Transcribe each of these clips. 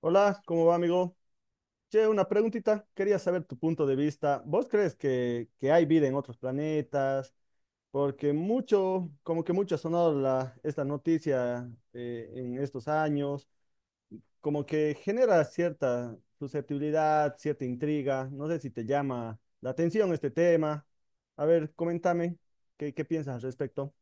Hola, ¿cómo va, amigo? Che, una preguntita. Quería saber tu punto de vista. ¿Vos crees que hay vida en otros planetas? Porque mucho, como que mucho ha sonado esta noticia en estos años, como que genera cierta susceptibilidad, cierta intriga. No sé si te llama la atención este tema. A ver, coméntame, ¿qué piensas al respecto?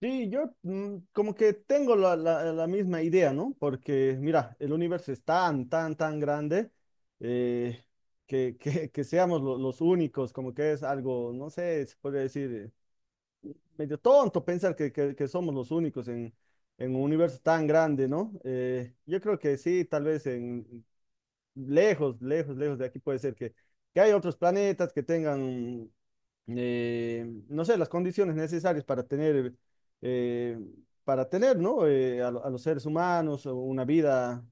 Sí, yo como que tengo la misma idea, ¿no? Porque mira, el universo es tan, tan, tan grande eh, que seamos los únicos, como que es algo, no sé, se podría decir, medio tonto pensar que somos los únicos en un universo tan grande, ¿no? Yo creo que sí, tal vez en lejos, lejos, lejos de aquí puede ser que hay otros planetas que tengan no sé, las condiciones necesarias eh, para tener, ¿no? A los seres humanos o una vida,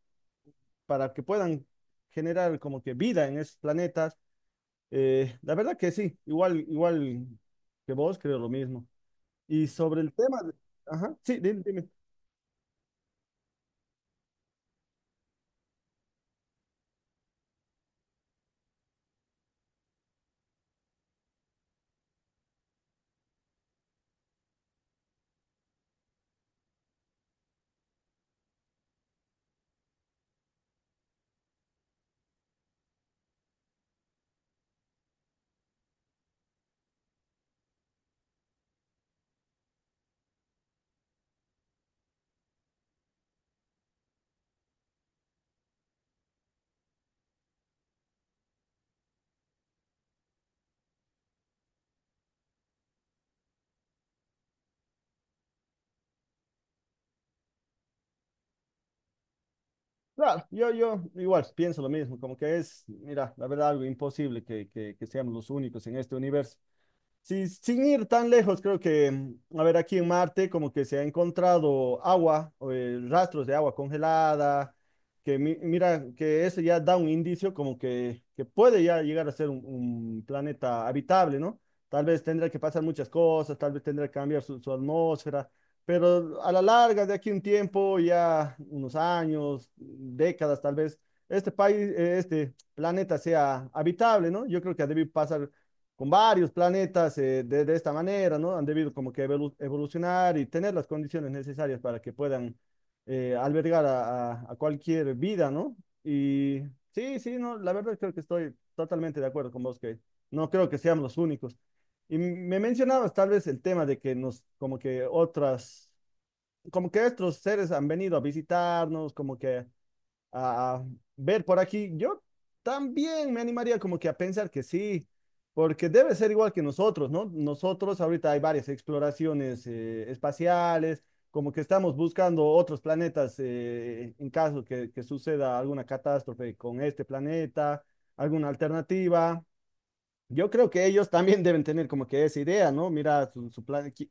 para que puedan generar como que vida en esos planetas. La verdad que sí, igual, igual que vos, creo lo mismo. Y sobre el tema, ajá, sí, dime, dime. Claro, yo igual pienso lo mismo, como que es, mira, la verdad, algo imposible que, que seamos los únicos en este universo. Sí, sin ir tan lejos, creo que, a ver, aquí en Marte como que se ha encontrado agua, o, rastros de agua congelada, que mira, que eso ya da un indicio como que puede ya llegar a ser un planeta habitable, ¿no? Tal vez tendrá que pasar muchas cosas, tal vez tendrá que cambiar su, su atmósfera, pero a la larga, de aquí un tiempo, ya unos años, décadas tal vez, este planeta sea habitable, ¿no? Yo creo que ha debido pasar con varios planetas de esta manera, ¿no? Han debido como que evolucionar y tener las condiciones necesarias para que puedan albergar a cualquier vida, ¿no? Y sí, sí, no, la verdad creo que estoy totalmente de acuerdo con vos, que no creo que seamos los únicos. Y me mencionabas tal vez el tema de que nos, como que otras, como que estos seres han venido a visitarnos, como que a ver por aquí. Yo también me animaría como que a pensar que sí, porque debe ser igual que nosotros, ¿no? Nosotros ahorita hay varias exploraciones espaciales, como que estamos buscando otros planetas en caso que suceda alguna catástrofe con este planeta, alguna alternativa. Yo creo que ellos también deben tener como que esa idea, ¿no? Mira,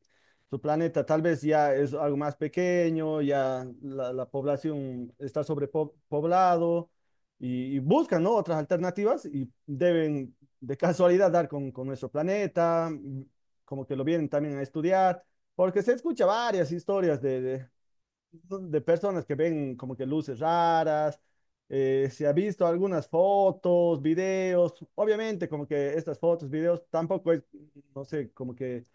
su planeta tal vez ya es algo más pequeño, ya la población está sobrepoblado y buscan, ¿no? Otras alternativas y deben de casualidad dar con nuestro planeta, como que lo vienen también a estudiar, porque se escucha varias historias de personas que ven como que luces raras, se ha visto algunas fotos, videos, obviamente como que estas fotos, videos tampoco es, no sé, como que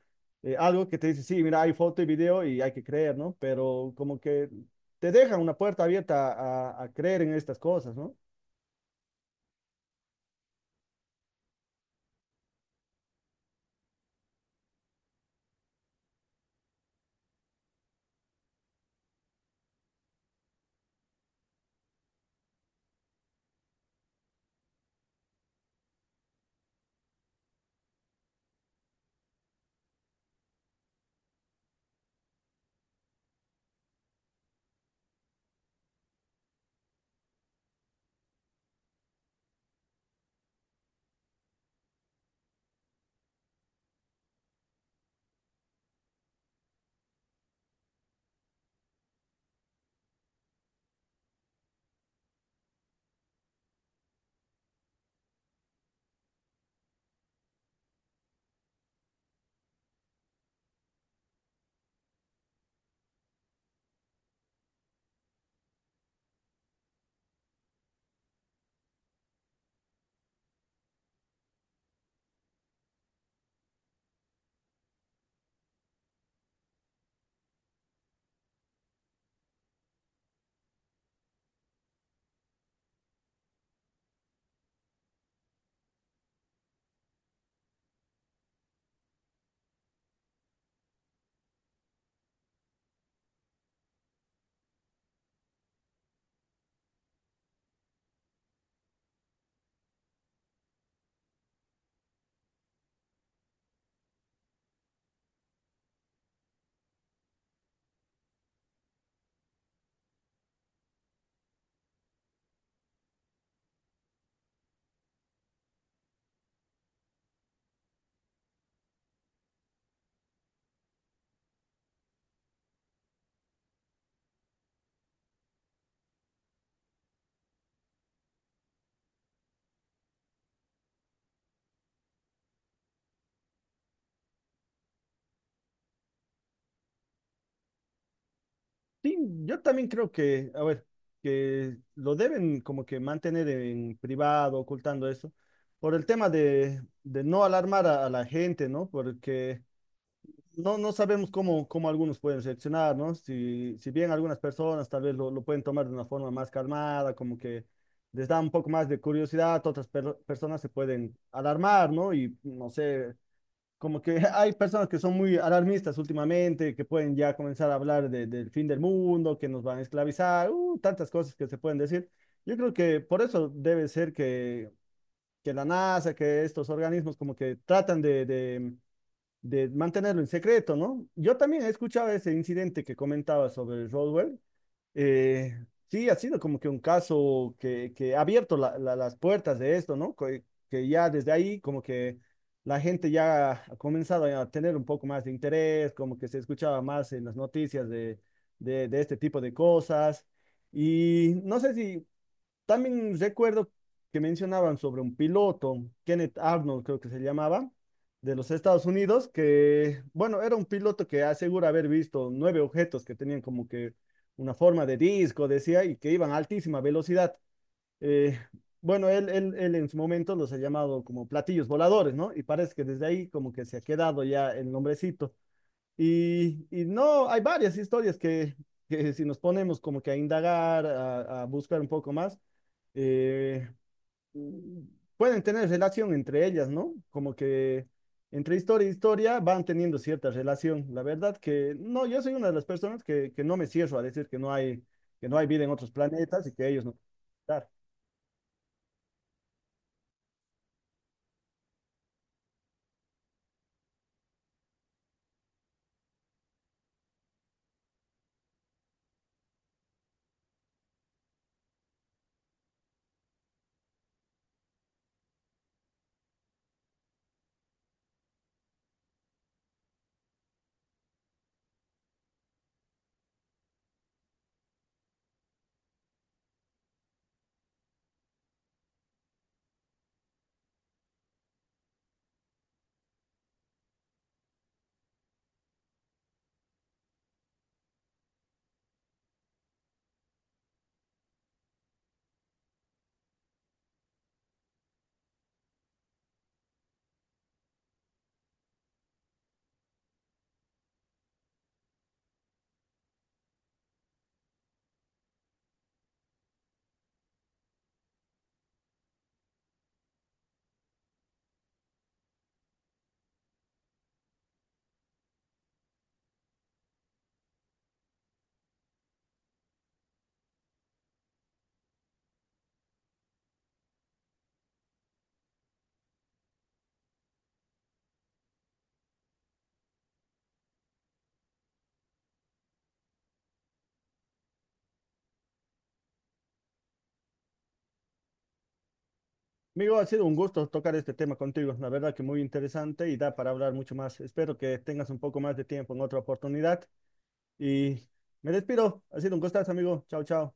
algo que te dice, sí, mira, hay foto y video y hay que creer, ¿no? Pero como que te dejan una puerta abierta a creer en estas cosas, ¿no? Sí, yo también creo que, a ver, que lo deben como que mantener en privado, ocultando eso, por el tema de no alarmar a la gente, ¿no? Porque no, no sabemos cómo, cómo algunos pueden reaccionar, ¿no? Si, si bien algunas personas tal vez lo pueden tomar de una forma más calmada, como que les da un poco más de curiosidad, personas se pueden alarmar, ¿no? Y no sé, como que hay personas que son muy alarmistas últimamente, que pueden ya comenzar a hablar del fin del mundo, que nos van a esclavizar, tantas cosas que se pueden decir. Yo creo que por eso debe ser que la NASA, que estos organismos como que tratan de mantenerlo en secreto, ¿no? Yo también he escuchado ese incidente que comentaba sobre Rodwell. Eh, sí, ha sido como que un caso que ha abierto las puertas de esto, ¿no? Que ya desde ahí como que la gente ya ha comenzado a tener un poco más de interés, como que se escuchaba más en las noticias de este tipo de cosas. Y no sé si también recuerdo que mencionaban sobre un piloto, Kenneth Arnold creo que se llamaba, de los Estados Unidos, que, bueno, era un piloto que asegura haber visto 9 objetos que tenían como que una forma de disco, decía, y que iban a altísima velocidad. Eh, bueno, él en su momento los ha llamado como platillos voladores, ¿no? Y parece que desde ahí como que se ha quedado ya el nombrecito. Y no, hay varias historias que si nos ponemos como que a indagar, a buscar un poco más, eh, pueden tener relación entre ellas, ¿no? Como que entre historia y historia van teniendo cierta relación. La verdad que no, yo soy una de las personas que no me cierro a decir que no hay vida en otros planetas y que ellos no. Claro. Amigo, ha sido un gusto tocar este tema contigo. La verdad que muy interesante y da para hablar mucho más. Espero que tengas un poco más de tiempo en otra oportunidad. Y me despido. Ha sido un gustazo, amigo. Chao, chao.